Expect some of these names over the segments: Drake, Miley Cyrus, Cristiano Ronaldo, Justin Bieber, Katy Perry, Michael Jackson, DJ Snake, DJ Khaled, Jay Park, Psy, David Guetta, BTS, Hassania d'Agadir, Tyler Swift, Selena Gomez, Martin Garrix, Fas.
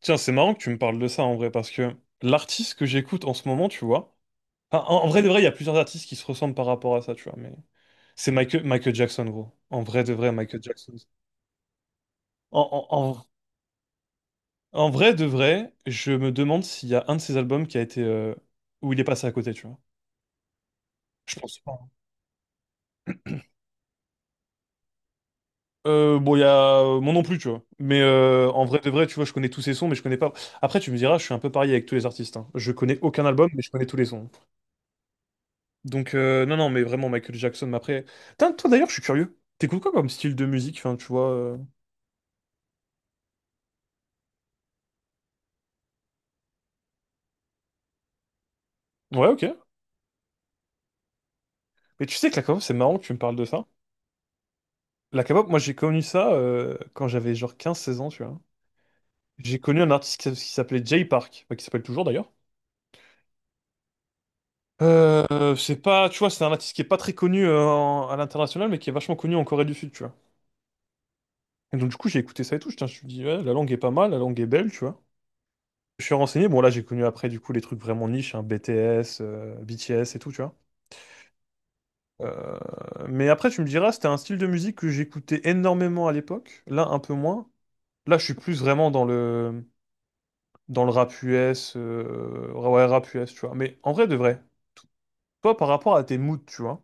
Tiens, c'est marrant que tu me parles de ça en vrai, parce que l'artiste que j'écoute en ce moment, tu vois, enfin, en vrai de vrai, il y a plusieurs artistes qui se ressemblent par rapport à ça, tu vois, mais c'est Michael Jackson, gros. En vrai de vrai, Michael Jackson. En, en, en vrai de vrai, je me demande s'il y a un de ses albums qui a été où il est passé à côté, tu vois. Je pense pas, hein. Bon, il y a moi non plus, tu vois. Mais en vrai de vrai, tu vois, je connais tous ses sons, mais je connais pas. Après, tu me diras, je suis un peu pareil avec tous les artistes, hein. Je connais aucun album, mais je connais tous les sons. Donc, non, non, mais vraiment, Michael Jackson, mais après... Putain, toi, d'ailleurs, je suis curieux. T'écoutes quoi comme style de musique, enfin, tu vois... Ouais, ok. Mais tu sais que la K-pop, c'est marrant que tu me parles de ça. La K-pop, moi, j'ai connu ça quand j'avais genre 15 16 ans, tu vois. J'ai connu un artiste qui, qui s'appelait Jay Park, enfin, qui s'appelle toujours, d'ailleurs. C'est pas... Tu vois, c'est un artiste qui est pas très connu à l'international, mais qui est vachement connu en Corée du Sud, tu vois. Et donc, du coup, j'ai écouté ça et tout. Je me suis dit, ouais, la langue est pas mal, la langue est belle, tu vois. Je suis renseigné. Bon, là, j'ai connu après, du coup, les trucs vraiment niches, hein, BTS et tout, tu vois. Euh, mais après, tu me diras, c'était un style de musique que j'écoutais énormément à l'époque. Là, un peu moins. Là, je suis plus vraiment dans dans le rap US. Ouais, rap US, tu vois. Mais en vrai, de vrai, toi, par rapport à tes moods, tu vois,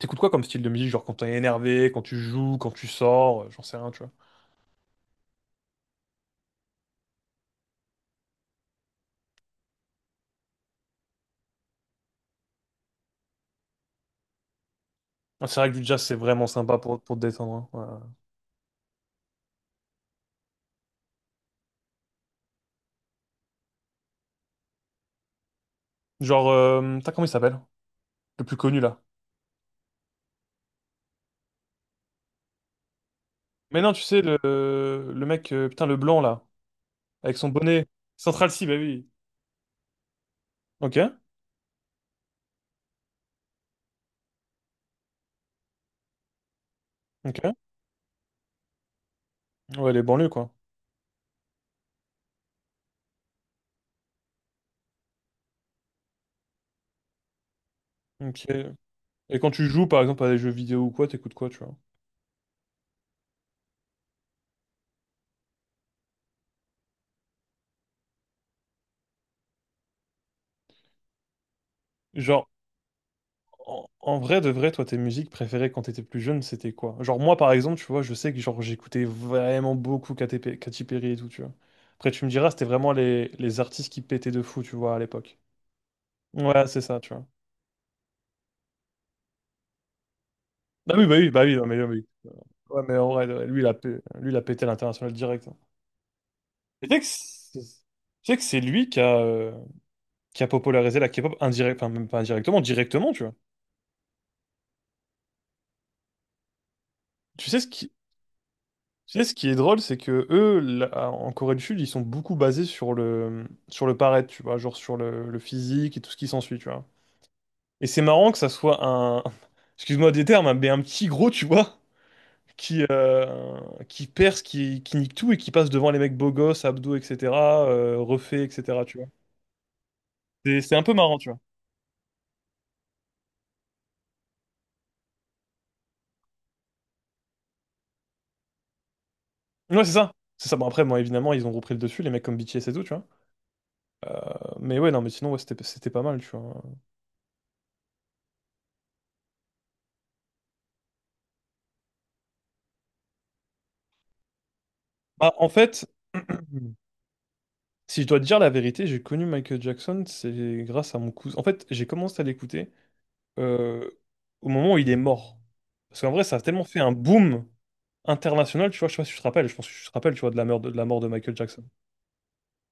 t'écoutes quoi comme style de musique? Genre quand t'es énervé, quand tu joues, quand tu sors, j'en sais rien, tu vois. Ah, c'est vrai que du jazz, c'est vraiment sympa pour te détendre, hein. Ouais, ouais. Genre, t'as comment il s'appelle? Le plus connu, là. Mais non, tu sais, le mec, putain, le blanc, là, avec son bonnet. Central C, bah oui. Ok, ok. Ouais, les banlieues, quoi. Ok. Et quand tu joues, par exemple, à des jeux vidéo ou quoi, t'écoutes quoi, tu vois? Genre, en vrai de vrai, toi, tes musiques préférées quand t'étais plus jeune, c'était quoi? Genre, moi, par exemple, tu vois, je sais que genre j'écoutais vraiment beaucoup KTP, Katy Perry et tout, tu vois. Après, tu me diras, c'était vraiment les artistes qui pétaient de fou, tu vois, à l'époque. Ouais, c'est ça, tu vois. Bah oui, bah oui, bah oui, non, mais oui, oui. Ouais, mais en vrai, de vrai, lui, il a, lui, il a pété à l'international direct, hein. Et tu sais que c'est lui qui a popularisé la K-pop indirect, enfin, même pas indirectement, directement, tu vois. Tu sais ce qui, tu sais ce qui est drôle, c'est que eux, là, en Corée du Sud, ils sont beaucoup basés sur sur le paraître, tu vois, genre sur le physique et tout ce qui s'ensuit, tu vois. Et c'est marrant que ça soit un, excuse-moi des termes, hein, mais un petit gros, tu vois, qui, euh, qui perce, qui nique tout et qui passe devant les mecs beaux gosses, abdos, etc., refait, etc., tu vois. C'est un peu marrant, tu vois. Ouais, c'est ça. C'est ça. Bon, après, bon, évidemment, ils ont repris le dessus, les mecs comme BTS et tout, tu vois. Mais ouais, non, mais sinon, ouais, c'était pas mal, tu vois. Bah, en fait. Si je dois te dire la vérité, j'ai connu Michael Jackson, c'est grâce à mon cousin. En fait, j'ai commencé à l'écouter euh, au moment où il est mort. Parce qu'en vrai, ça a tellement fait un boom international, tu vois, je sais pas si tu te rappelles, je pense que tu te rappelles, tu vois, de la mort de la mort de Michael Jackson.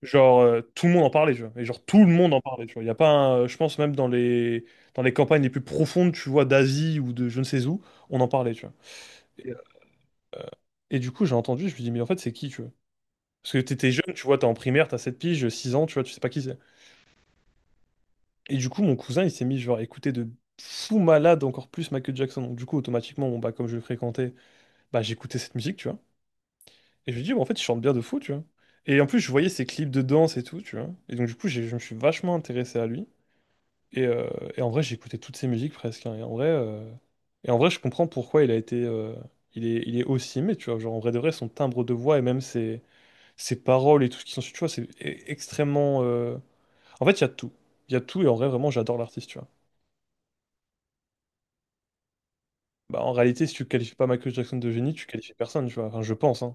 Genre, tout le monde en parlait, tu vois, et genre, tout le monde en parlait, tu vois. Il y a pas je pense même dans dans les campagnes les plus profondes, tu vois, d'Asie ou de je ne sais où, on en parlait, tu vois. Et, et du coup, j'ai entendu, je me dis, mais en fait, c'est qui, tu vois? Parce que t'étais jeune, tu vois, t'es en primaire, t'as 7 piges, 6 ans, tu vois, tu sais pas qui c'est. Et du coup, mon cousin, il s'est mis genre à écouter de fou malade encore plus Michael Jackson. Donc du coup, automatiquement, bon, bah, comme je le fréquentais, bah, j'écoutais cette musique, tu vois. Et je lui dis, bah, en fait, il chante bien de fou, tu vois. Et en plus, je voyais ses clips de danse et tout, tu vois. Et donc du coup, je me suis vachement intéressé à lui. Et, euh, et en vrai, j'écoutais toutes ses musiques presque, hein. Et en vrai, je comprends pourquoi il a été, il est aussi aimé, tu vois. Genre en vrai de vrai, son timbre de voix et même ses paroles et tout ce qui s'ensuit, tu vois, c'est extrêmement. En fait, il y a tout. Il y a tout et en vrai, vraiment, j'adore l'artiste, tu vois. Bah, en réalité, si tu qualifies pas Michael Jackson de génie, tu qualifies personne, tu vois. Enfin, je pense, hein.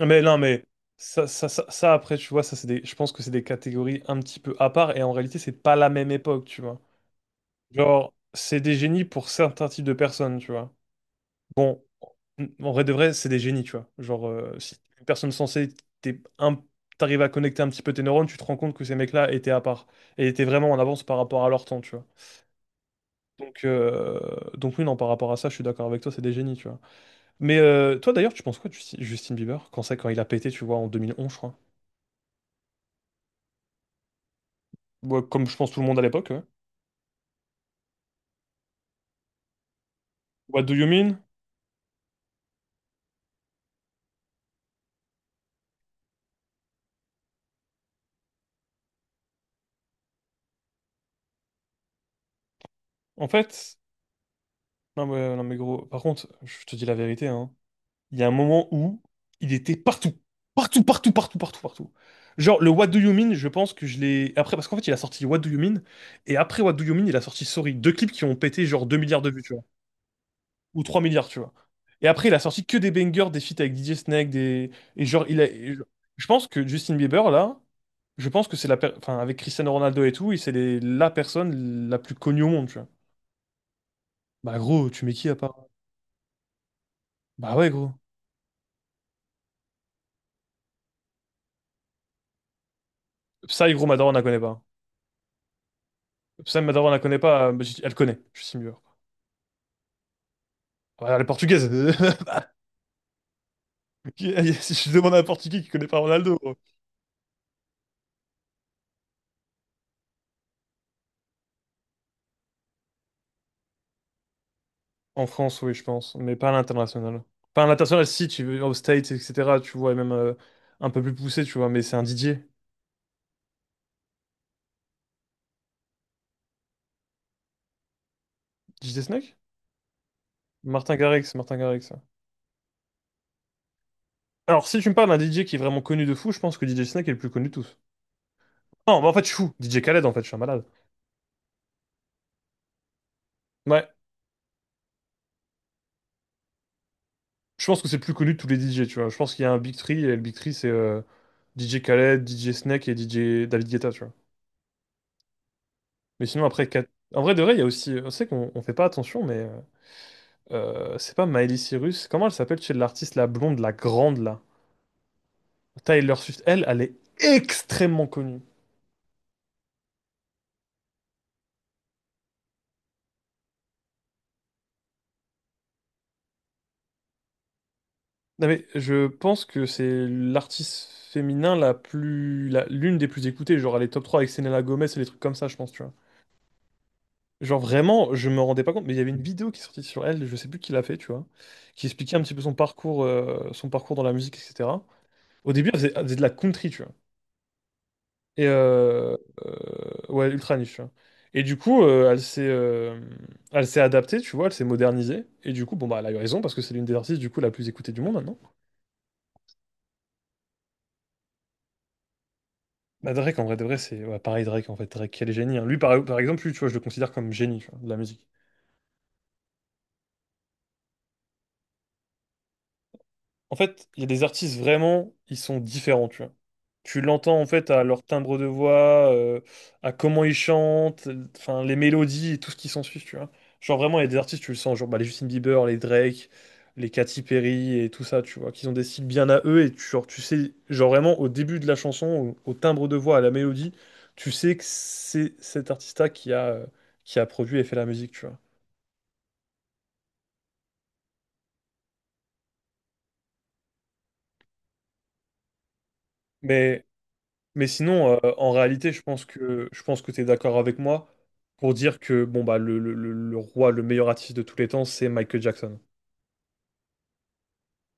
Mais non, mais après, tu vois, ça, c'est des... je pense que c'est des catégories un petit peu à part, et en réalité, c'est pas la même époque, tu vois. Genre, c'est des génies pour certains types de personnes, tu vois. Bon, en vrai de vrai, c'est des génies, tu vois. Genre, si t'es une personne censée, t'es un... t'arrives à connecter un petit peu tes neurones, tu te rends compte que ces mecs-là étaient à part, et étaient vraiment en avance par rapport à leur temps, tu vois. Donc, euh, donc oui, non, par rapport à ça, je suis d'accord avec toi, c'est des génies, tu vois. Mais toi d'ailleurs, tu penses quoi de Justin Bieber? Quand c'est quand il a pété, tu vois, en 2011, je crois. Ouais, comme je pense tout le monde à l'époque, ouais. What do you mean? En fait, non mais gros, par contre, je te dis la vérité, hein. Il y a un moment où il était partout. Partout, partout, partout, partout, partout. Genre, le What do you mean, je pense que je l'ai... Après, parce qu'en fait, il a sorti What do you mean, et après What do you mean, il a sorti Sorry. Deux clips qui ont pété genre 2 milliards de vues, tu vois. Ou 3 milliards, tu vois. Et après, il a sorti que des bangers, des feats avec DJ Snake, des... Et genre, il a... je pense que Justin Bieber, là... Je pense que c'est la enfin, avec Cristiano Ronaldo et tout, il c'est la personne la plus connue au monde, tu vois. Bah gros, tu mets qui à part? Bah ouais gros. Psy gros, ma on la connaît pas. Psy, ma on la connaît pas, elle connaît, Justin Bieber. Ouais, elle est portugaise. Je demande à un portugais qui connaît pas Ronaldo, gros. En France, oui, je pense, mais pas à l'international. Pas à l'international, si, tu veux, aux States, etc., tu vois, et même un peu plus poussé, tu vois, mais c'est un Didier. Didier Snack? Martin Garrix, ouais. Alors, si tu me parles d'un DJ qui est vraiment connu de fou, je pense que DJ Snack est le plus connu de tous. Non, mais en fait, je suis fou. DJ Khaled, en fait, je suis un malade. Ouais, je pense que c'est le plus connu de tous les DJ, tu vois. Je pense qu'il y a un Big Three, et le Big Three, c'est DJ Khaled, DJ Snake et DJ David Guetta, tu vois. Mais sinon, après, en vrai de vrai, il y a aussi. On sait qu'on on fait pas attention, mais c'est pas Miley Cyrus. Comment elle s'appelle chez l'artiste, la blonde, la grande, là? Tyler Swift, elle, elle est extrêmement connue. Non, mais je pense que c'est l'artiste féminin la plus. L'une des plus écoutées. Genre, elle est top 3 avec Selena Gomez et les trucs comme ça, je pense, tu vois. Genre vraiment, je me rendais pas compte, mais il y avait une vidéo qui est sortie sur elle, je sais plus qui l'a fait, tu vois, qui expliquait un petit peu son parcours dans la musique, etc. Au début, elle faisait de la country, tu vois. Et euh, ouais, ultra niche, tu vois. Et du coup, elle s'est adaptée, tu vois, elle s'est modernisée. Et du coup, bon, bah, elle a eu raison parce que c'est l'une des artistes, du coup, la plus écoutée du monde maintenant. Bah, Drake, en vrai, de vrai, c'est ouais, pareil, Drake, en fait. Drake, quel génie, hein. Lui, par exemple, lui, tu vois, je le considère comme génie, tu vois, de la musique. En fait, il y a des artistes vraiment, ils sont différents, tu vois. Tu l'entends en fait à leur timbre de voix, à comment ils chantent, enfin les mélodies et tout ce qui s'ensuit, tu vois. Genre vraiment, il y a des artistes, tu le sens, genre bah, les Justin Bieber, les Drake, les Katy Perry et tout ça, tu vois, qu'ils ont des styles bien à eux et tu, genre, tu sais, genre vraiment au début de la chanson, au timbre de voix, à la mélodie, tu sais que c'est cet artiste-là qui a produit et fait la musique, tu vois. Mais Mais sinon, en réalité, je pense que tu es d'accord avec moi pour dire que bon bah le roi, le meilleur artiste de tous les temps, c'est Michael Jackson.